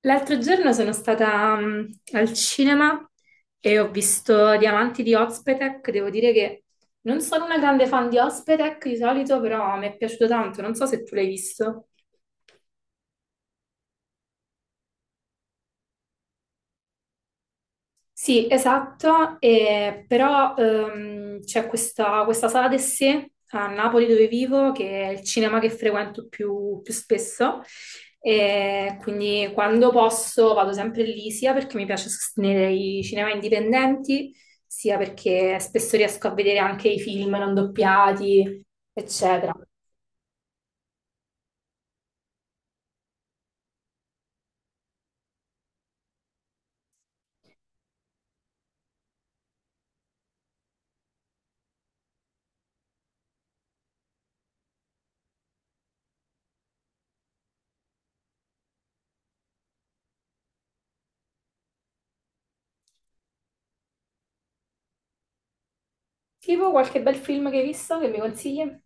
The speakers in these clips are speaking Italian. L'altro giorno sono stata al cinema e ho visto Diamanti di Ozpetek. Devo dire che non sono una grande fan di Ozpetek di solito, però mi è piaciuto tanto. Non so se tu l'hai visto. Sì, esatto, però c'è questa sala del sé a Napoli dove vivo, che è il cinema che frequento più spesso, e quindi quando posso vado sempre lì, sia perché mi piace sostenere i cinema indipendenti, sia perché spesso riesco a vedere anche i film non doppiati, eccetera. Tipo qualche bel film che hai visto che mi consigli?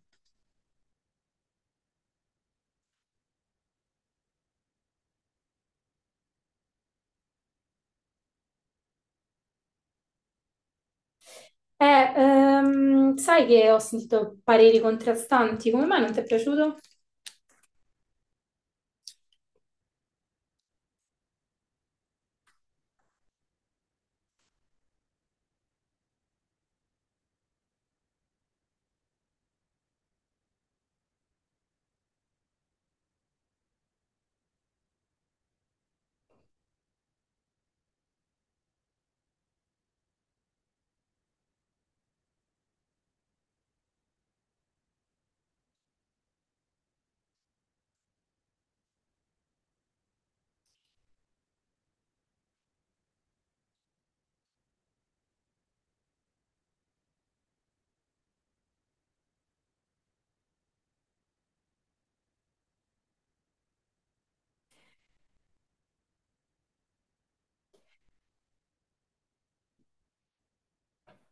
Eh, Sai che ho sentito pareri contrastanti, come mai non ti è piaciuto?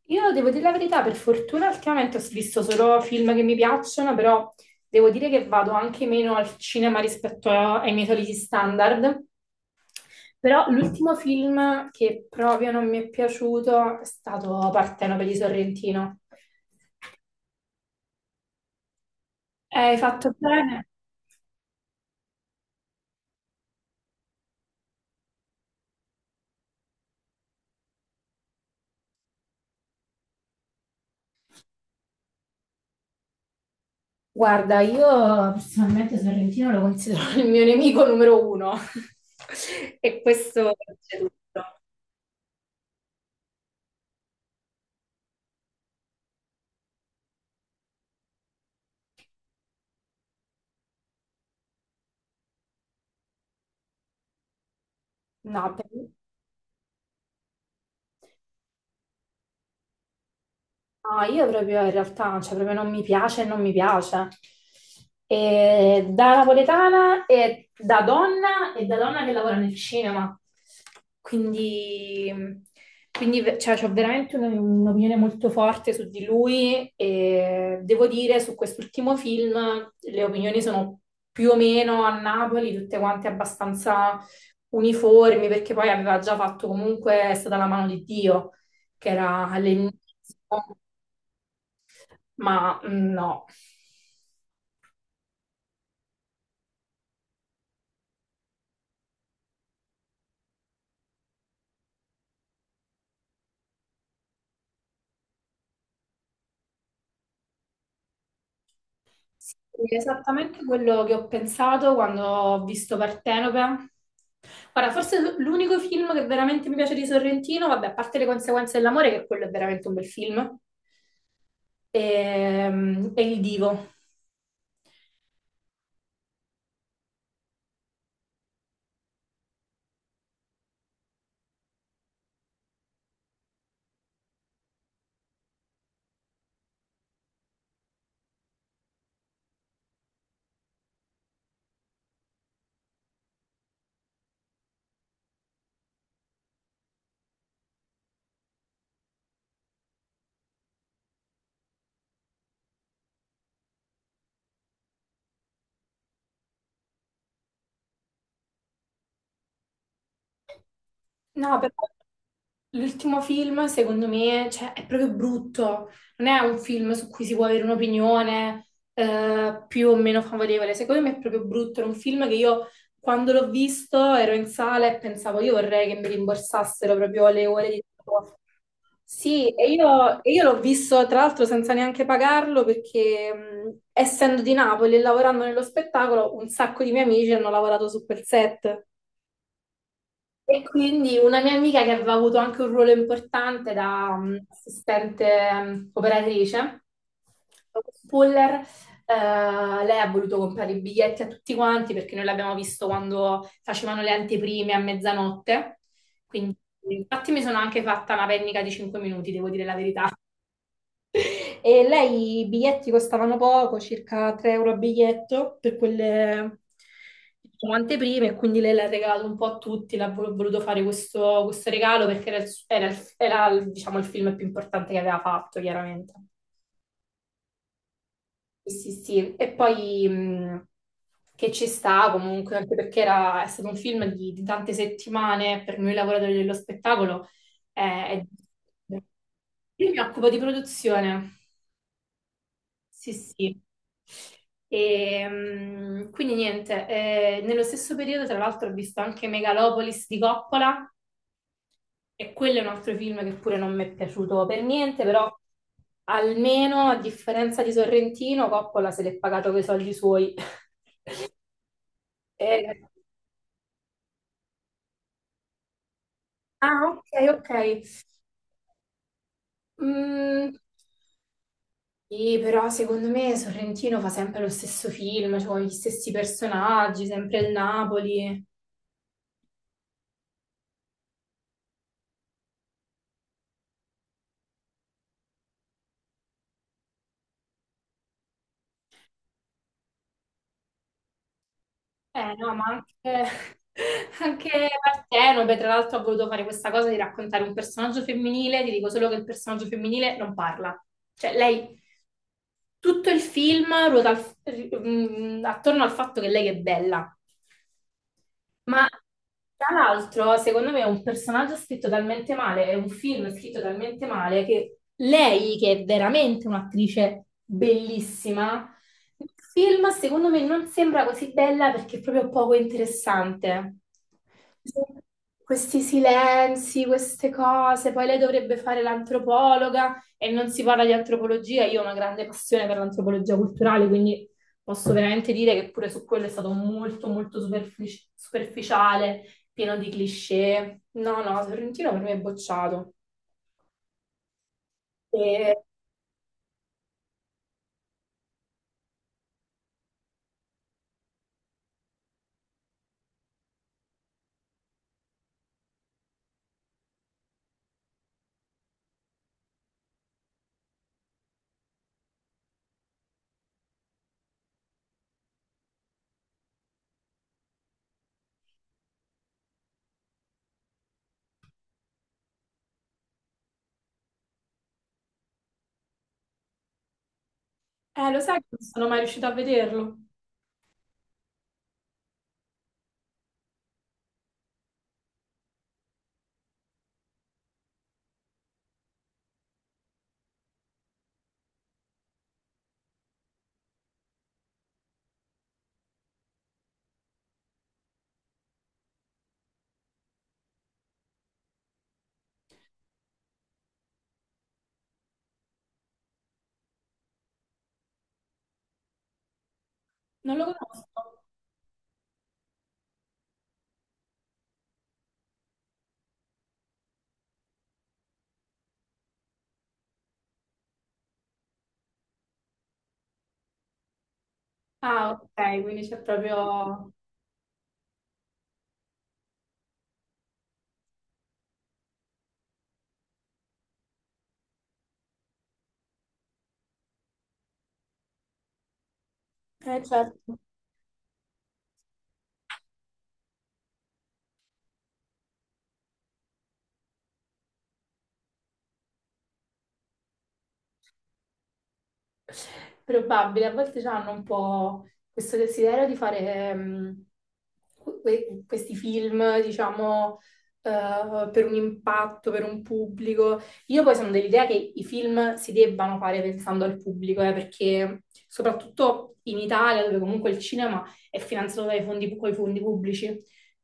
Io devo dire la verità, per fortuna ultimamente ho visto solo film che mi piacciono, però devo dire che vado anche meno al cinema rispetto ai miei soliti standard. Però l'ultimo film che proprio non mi è piaciuto è stato Partenope di Sorrentino. Hai fatto bene? Guarda, io personalmente Sorrentino lo considero il mio nemico numero uno. E questo c'è tutto. No, per me. No, io proprio in realtà, cioè proprio non mi piace e non mi piace. E da napoletana e da donna che lavora nel cinema. Quindi, cioè, ho veramente un'opinione molto forte su di lui e devo dire su quest'ultimo film le opinioni sono più o meno a Napoli, tutte quante abbastanza uniformi, perché poi aveva già fatto comunque, è stata la mano di Dio che era all'inizio. Ma no, sì, esattamente quello che ho pensato quando ho visto Partenope. Guarda, forse l'unico film che veramente mi piace di Sorrentino, vabbè, a parte le conseguenze dell'amore, che quello è veramente un bel film, è Il Divo. No, però l'ultimo film, secondo me, cioè, è proprio brutto. Non è un film su cui si può avere un'opinione più o meno favorevole. Secondo me è proprio brutto. Era un film che io, quando l'ho visto, ero in sala e pensavo, io vorrei che mi rimborsassero proprio le ore di lavoro. Sì, e io l'ho visto tra l'altro senza neanche pagarlo perché essendo di Napoli e lavorando nello spettacolo, un sacco di miei amici hanno lavorato su quel set. E quindi una mia amica che aveva avuto anche un ruolo importante da assistente operatrice, Puller, eh, lei ha voluto comprare i biglietti a tutti quanti perché noi l'abbiamo visto quando facevano le anteprime a mezzanotte. Quindi, infatti, mi sono anche fatta una pennica di 5 minuti, devo dire la verità. E lei i biglietti costavano poco, circa 3 euro a biglietto per quelle diciamo, anteprime, e quindi lei l'ha regalato un po' a tutti, l'ha voluto fare questo, regalo perché diciamo, il film più importante che aveva fatto, chiaramente. Sì, sì, sì. E poi che ci sta comunque, anche perché è stato un film di tante settimane per noi lavoratori dello spettacolo. eh, è- Io mi occupo di produzione. Sì, sì. E, quindi niente, nello stesso periodo tra l'altro ho visto anche Megalopolis di Coppola e quello è un altro film che pure non mi è piaciuto per niente, però almeno a differenza di Sorrentino, Coppola se l'è pagato con i soldi suoi. Eh, ah, ok, ok. Mm, sì, però secondo me Sorrentino fa sempre lo stesso film, cioè con gli stessi personaggi, sempre il Napoli. Eh no, ma anche, anche Partenope, tra l'altro, ha voluto fare questa cosa di raccontare un personaggio femminile, ti dico solo che il personaggio femminile non parla. Cioè, lei, tutto il film ruota attorno al fatto che lei è bella. Ma tra l'altro, secondo me, è un personaggio scritto talmente male, è un film scritto talmente male che lei, che è veramente un'attrice bellissima, il film secondo me non sembra così bella perché è proprio poco interessante. Questi silenzi, queste cose, poi lei dovrebbe fare l'antropologa e non si parla di antropologia. Io ho una grande passione per l'antropologia culturale, quindi posso veramente dire che pure su quello è stato molto, molto superficiale, pieno di cliché. No, no, Sorrentino per me è bocciato. E, lo sai che non sono mai riuscita a vederlo? Non lo conosco. Ah, ok, quindi c'è proprio. Certo. Probabile, a volte hanno un po' questo desiderio di fare ehm, questi film, diciamo, per un impatto, per un pubblico. Io poi sono dell'idea che i film si debbano fare pensando al pubblico, perché soprattutto in Italia, dove comunque il cinema è finanziato dai fondi, coi fondi pubblici,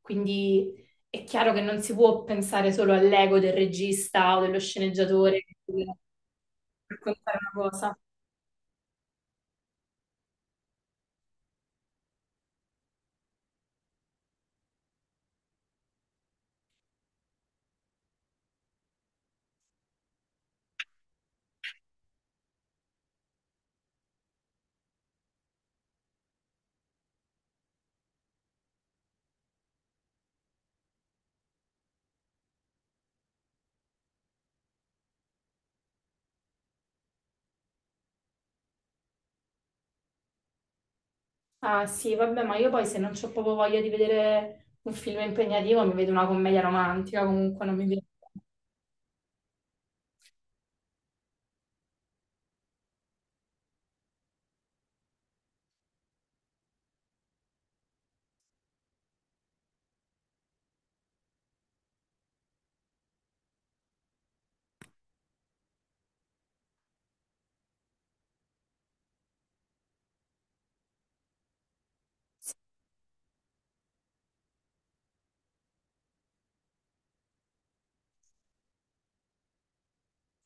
quindi è chiaro che non si può pensare solo all'ego del regista o dello sceneggiatore per raccontare una cosa. Ah sì, vabbè, ma io poi se non ho proprio voglia di vedere un film impegnativo, mi vedo una commedia romantica, comunque non mi vedo.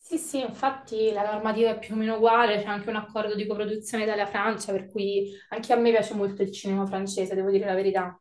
Sì, sì, infatti la normativa è più o meno uguale, c'è anche un accordo di coproduzione Italia-Francia, per cui anche a me piace molto il cinema francese, devo dire la verità.